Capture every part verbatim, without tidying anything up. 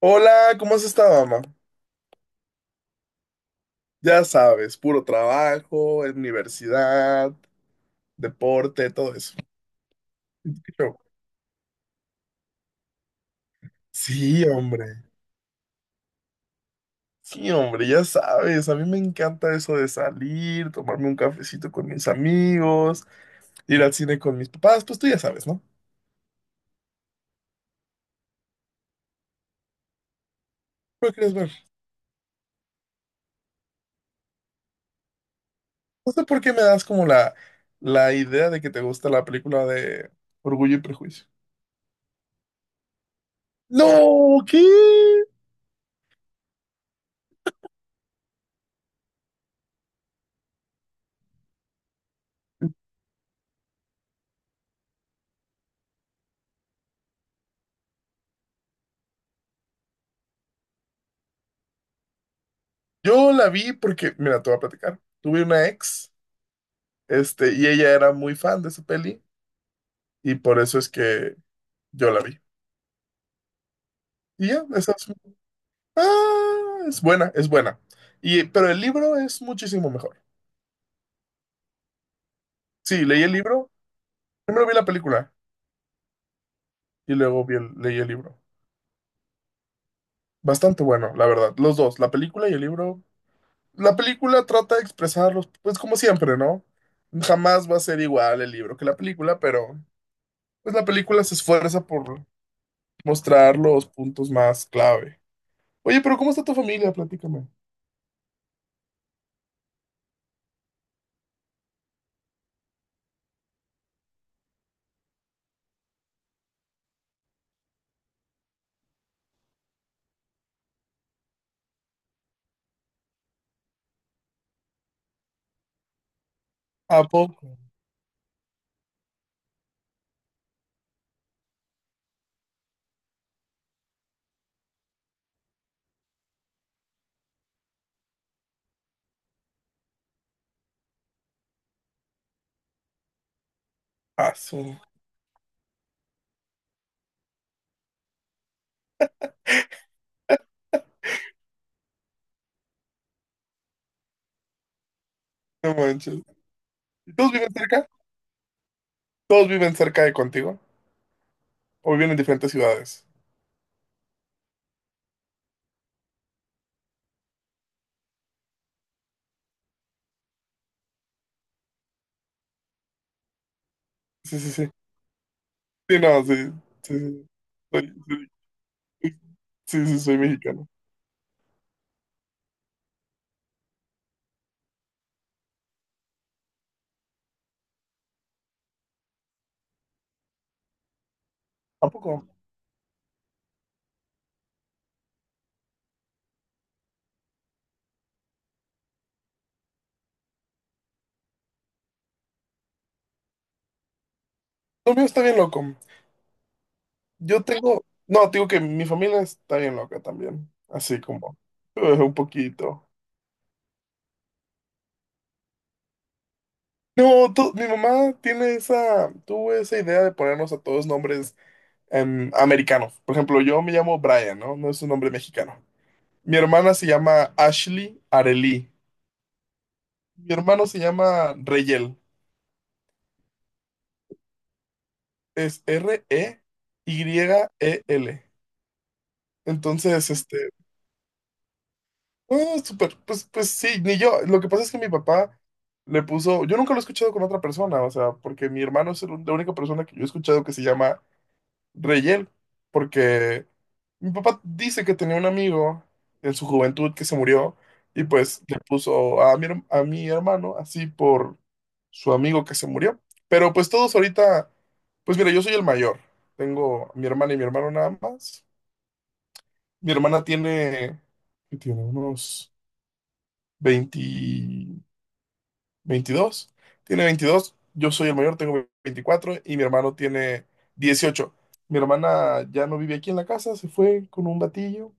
Hola, ¿cómo has estado, mamá? Ya sabes, puro trabajo, universidad, deporte, todo eso. ¿Qué show? Sí, hombre. Sí, hombre, ya sabes, a mí me encanta eso de salir, tomarme un cafecito con mis amigos, ir al cine con mis papás, pues tú ya sabes, ¿no? ¿Qué quieres ver? No sé por qué me das como la, la idea de que te gusta la película de Orgullo y Prejuicio. No, ¿qué? Yo la vi porque, mira, te voy a platicar. Tuve una ex. Este, y ella era muy fan de esa peli y por eso es que yo la vi. Y ya, esa es, ah, es buena, es buena. Y, pero el libro es muchísimo mejor. Sí, leí el libro, primero vi la película y luego vi el- leí el libro. Bastante bueno, la verdad. Los dos, la película y el libro. La película trata de expresarlos, pues como siempre, ¿no? Jamás va a ser igual el libro que la película, pero pues la película se esfuerza por mostrar los puntos más clave. Oye, pero ¿cómo está tu familia? Platícame. ¿A poco? Ah, su- no manches. ¿Y todos viven cerca? ¿Todos viven cerca de contigo? ¿O viven en diferentes ciudades? Sí, sí, sí. Sí, no, sí, sí, sí. Soy- soy- sí, sí, soy mexicano. ¿A poco? Lo mío está bien loco. Yo tengo, no, te digo que mi familia está bien loca también. Así como, eh, un poquito. No, tú- mi mamá tiene esa, tuvo esa idea de ponernos a todos nombres em, americanos. Por ejemplo, yo me llamo Brian, ¿no? No es un nombre mexicano. Mi hermana se llama Ashley Arely. Mi hermano se llama Reyel. Es R E Y E L. Entonces, este, ah, súper, pues, pues, sí, ni yo. Lo que pasa es que mi papá le puso, yo nunca lo he escuchado con otra persona, o sea, porque mi hermano es el- la única persona que yo he escuchado que se llama Reyel, porque mi papá dice que tenía un amigo en su juventud que se murió y pues le puso a mi, her- a mi hermano así por su amigo que se murió. Pero pues todos ahorita, pues mira, yo soy el mayor. Tengo a mi hermana y mi hermano nada más. Mi hermana tiene, ¿qué tiene? Unos veinte. Veintidós, tiene veintidós. Yo soy el mayor, tengo veinticuatro y mi hermano tiene dieciocho. Mi hermana ya no vive aquí en la casa, se fue con un batillo.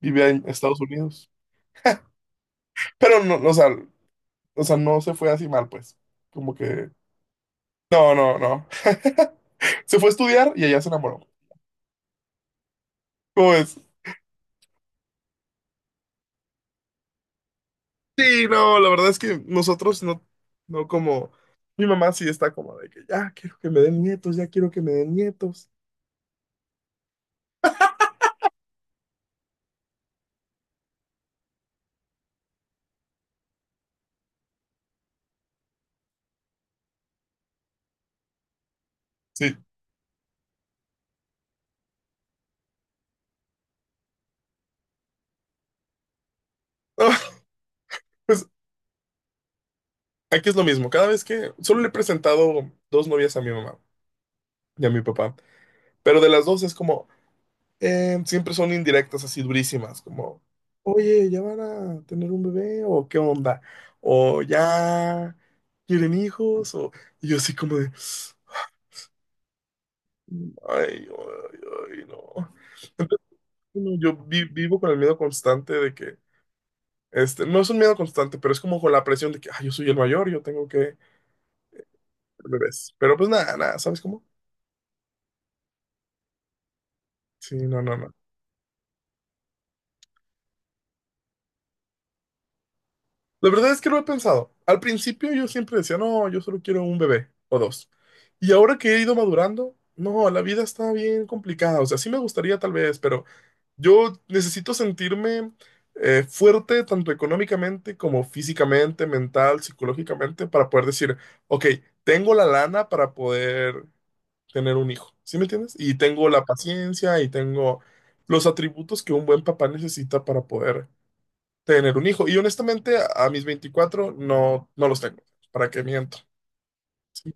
Vive en Estados Unidos. Pero no, no, o sea, o sea, no se fue así mal, pues. Como que... No, no, no. Se fue a estudiar y allá se enamoró. ¿Cómo ves? Sí, no, la verdad es que nosotros no, no como... Mi mamá sí está como de que ya quiero que me den nietos, ya quiero que me den nietos. Sí. No, pues, aquí es lo mismo, cada vez que solo le he presentado dos novias a mi mamá y a mi papá, pero de las dos es como, eh, siempre son indirectas así durísimas, como, oye, ¿ya van a tener un bebé o qué onda? O ya quieren hijos, o y yo así como de, ay, ay, ay, no. Entonces, uno, yo vi- vivo con el miedo constante de que, este, no es un miedo constante, pero es como con la presión de que, ay, yo soy el mayor, yo tengo que tener bebés. Pero pues nada, nada, ¿sabes cómo? Sí, no, no, no. La verdad es que no lo he pensado. Al principio yo siempre decía, no, yo solo quiero un bebé o dos. Y ahora que he ido madurando, no, la vida está bien complicada. O sea, sí me gustaría tal vez, pero yo necesito sentirme eh, fuerte tanto económicamente como físicamente, mental, psicológicamente, para poder decir, ok, tengo la lana para poder tener un hijo. ¿Sí me entiendes? Y tengo la paciencia y tengo los atributos que un buen papá necesita para poder tener un hijo. Y honestamente, a, mis veinticuatro no, no los tengo. ¿Para qué miento? Sí,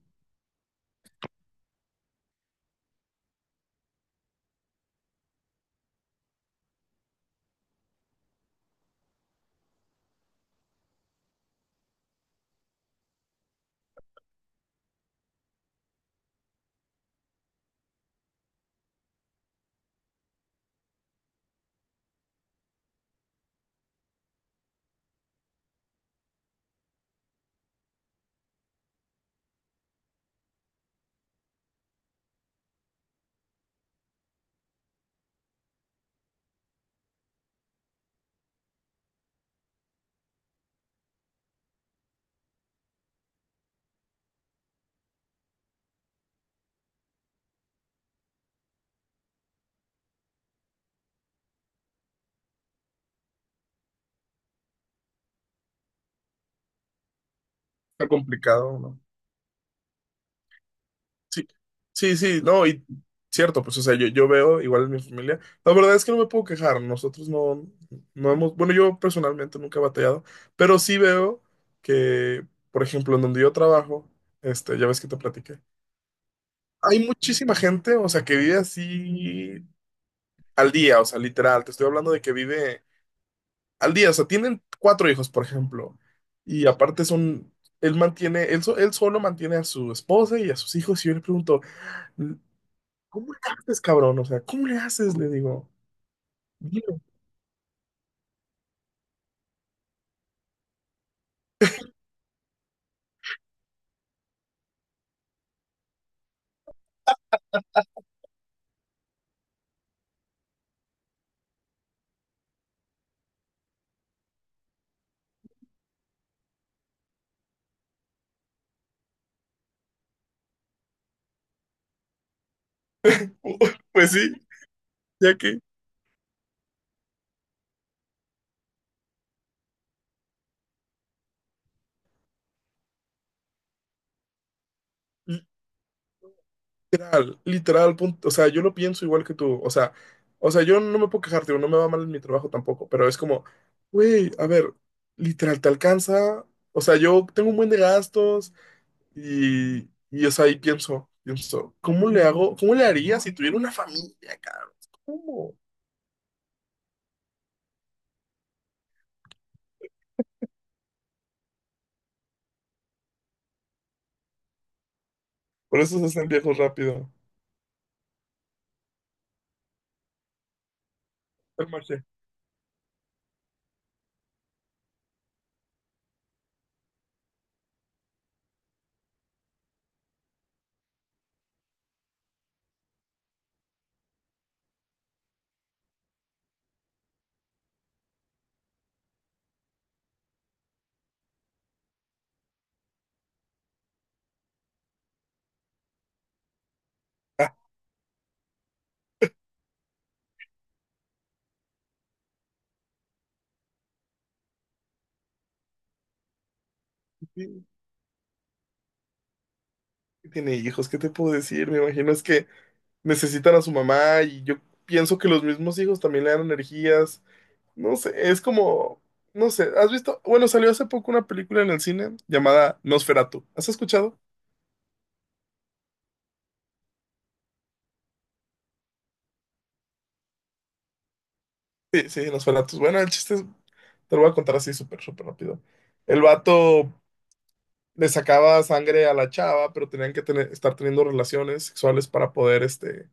está complicado, ¿no? Sí, sí, sí, no, y cierto, pues, o sea, yo, yo veo igual en mi familia. La verdad es que no me puedo quejar. Nosotros no, no hemos, bueno, yo personalmente nunca he batallado, pero sí veo que, por ejemplo, en donde yo trabajo, este, ya ves que te platiqué. Hay muchísima gente, o sea, que vive así al día, o sea, literal. Te estoy hablando de que vive al día, o sea, tienen cuatro hijos, por ejemplo, y aparte son, él mantiene, él, so- él solo mantiene a su esposa y a sus hijos, y yo le pregunto, ¿cómo le haces, cabrón? O sea, ¿cómo le haces? Le digo, "Dilo". Pues sí, ya que, literal, literal, punto, o sea, yo lo pienso igual que tú, o sea, o sea, yo no me puedo quejarte, no me va mal en mi trabajo tampoco, pero es como, güey, a ver, literal, te alcanza, o sea, yo tengo un buen de gastos, Y, y o sea, ahí pienso, pienso, ¿cómo le hago? ¿Cómo le haría si tuviera una familia, cabrón? ¿Cómo? Por eso se hacen viejos rápido. El Marche. Ah, sí, tiene hijos, ¿qué te puedo decir? Me imagino es que necesitan a su mamá y yo pienso que los mismos hijos también le dan energías. No sé, es como, no sé, ¿has visto? Bueno, salió hace poco una película en el cine llamada Nosferatu. ¿Has escuchado? Sí, sí, Nosferatu. Bueno, el chiste es, te lo voy a contar así súper, súper rápido. El vato le sacaba sangre a la chava, pero tenían que tener- estar teniendo relaciones sexuales para poder, este,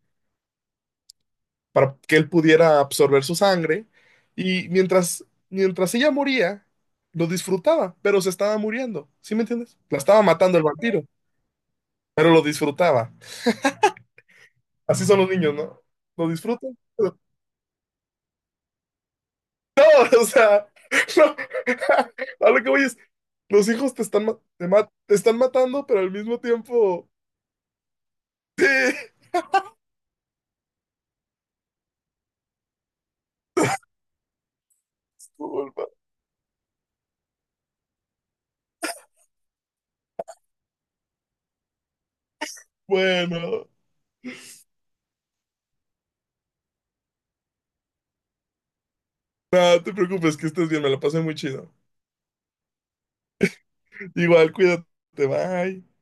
para que él pudiera absorber su sangre. Y mientras, mientras ella moría, lo disfrutaba, pero se estaba muriendo. ¿Sí me entiendes? La estaba matando el vampiro, pero lo disfrutaba. Así son los niños, ¿no? Lo disfrutan. pero- No, o sea, no. A lo que voy es, los hijos te están, ma- te ma- te están matando, pero al mismo tiempo... Sí, disculpa. Bueno. No no te preocupes, que estés bien, me la pasé muy chido. Igual, cuídate, bye.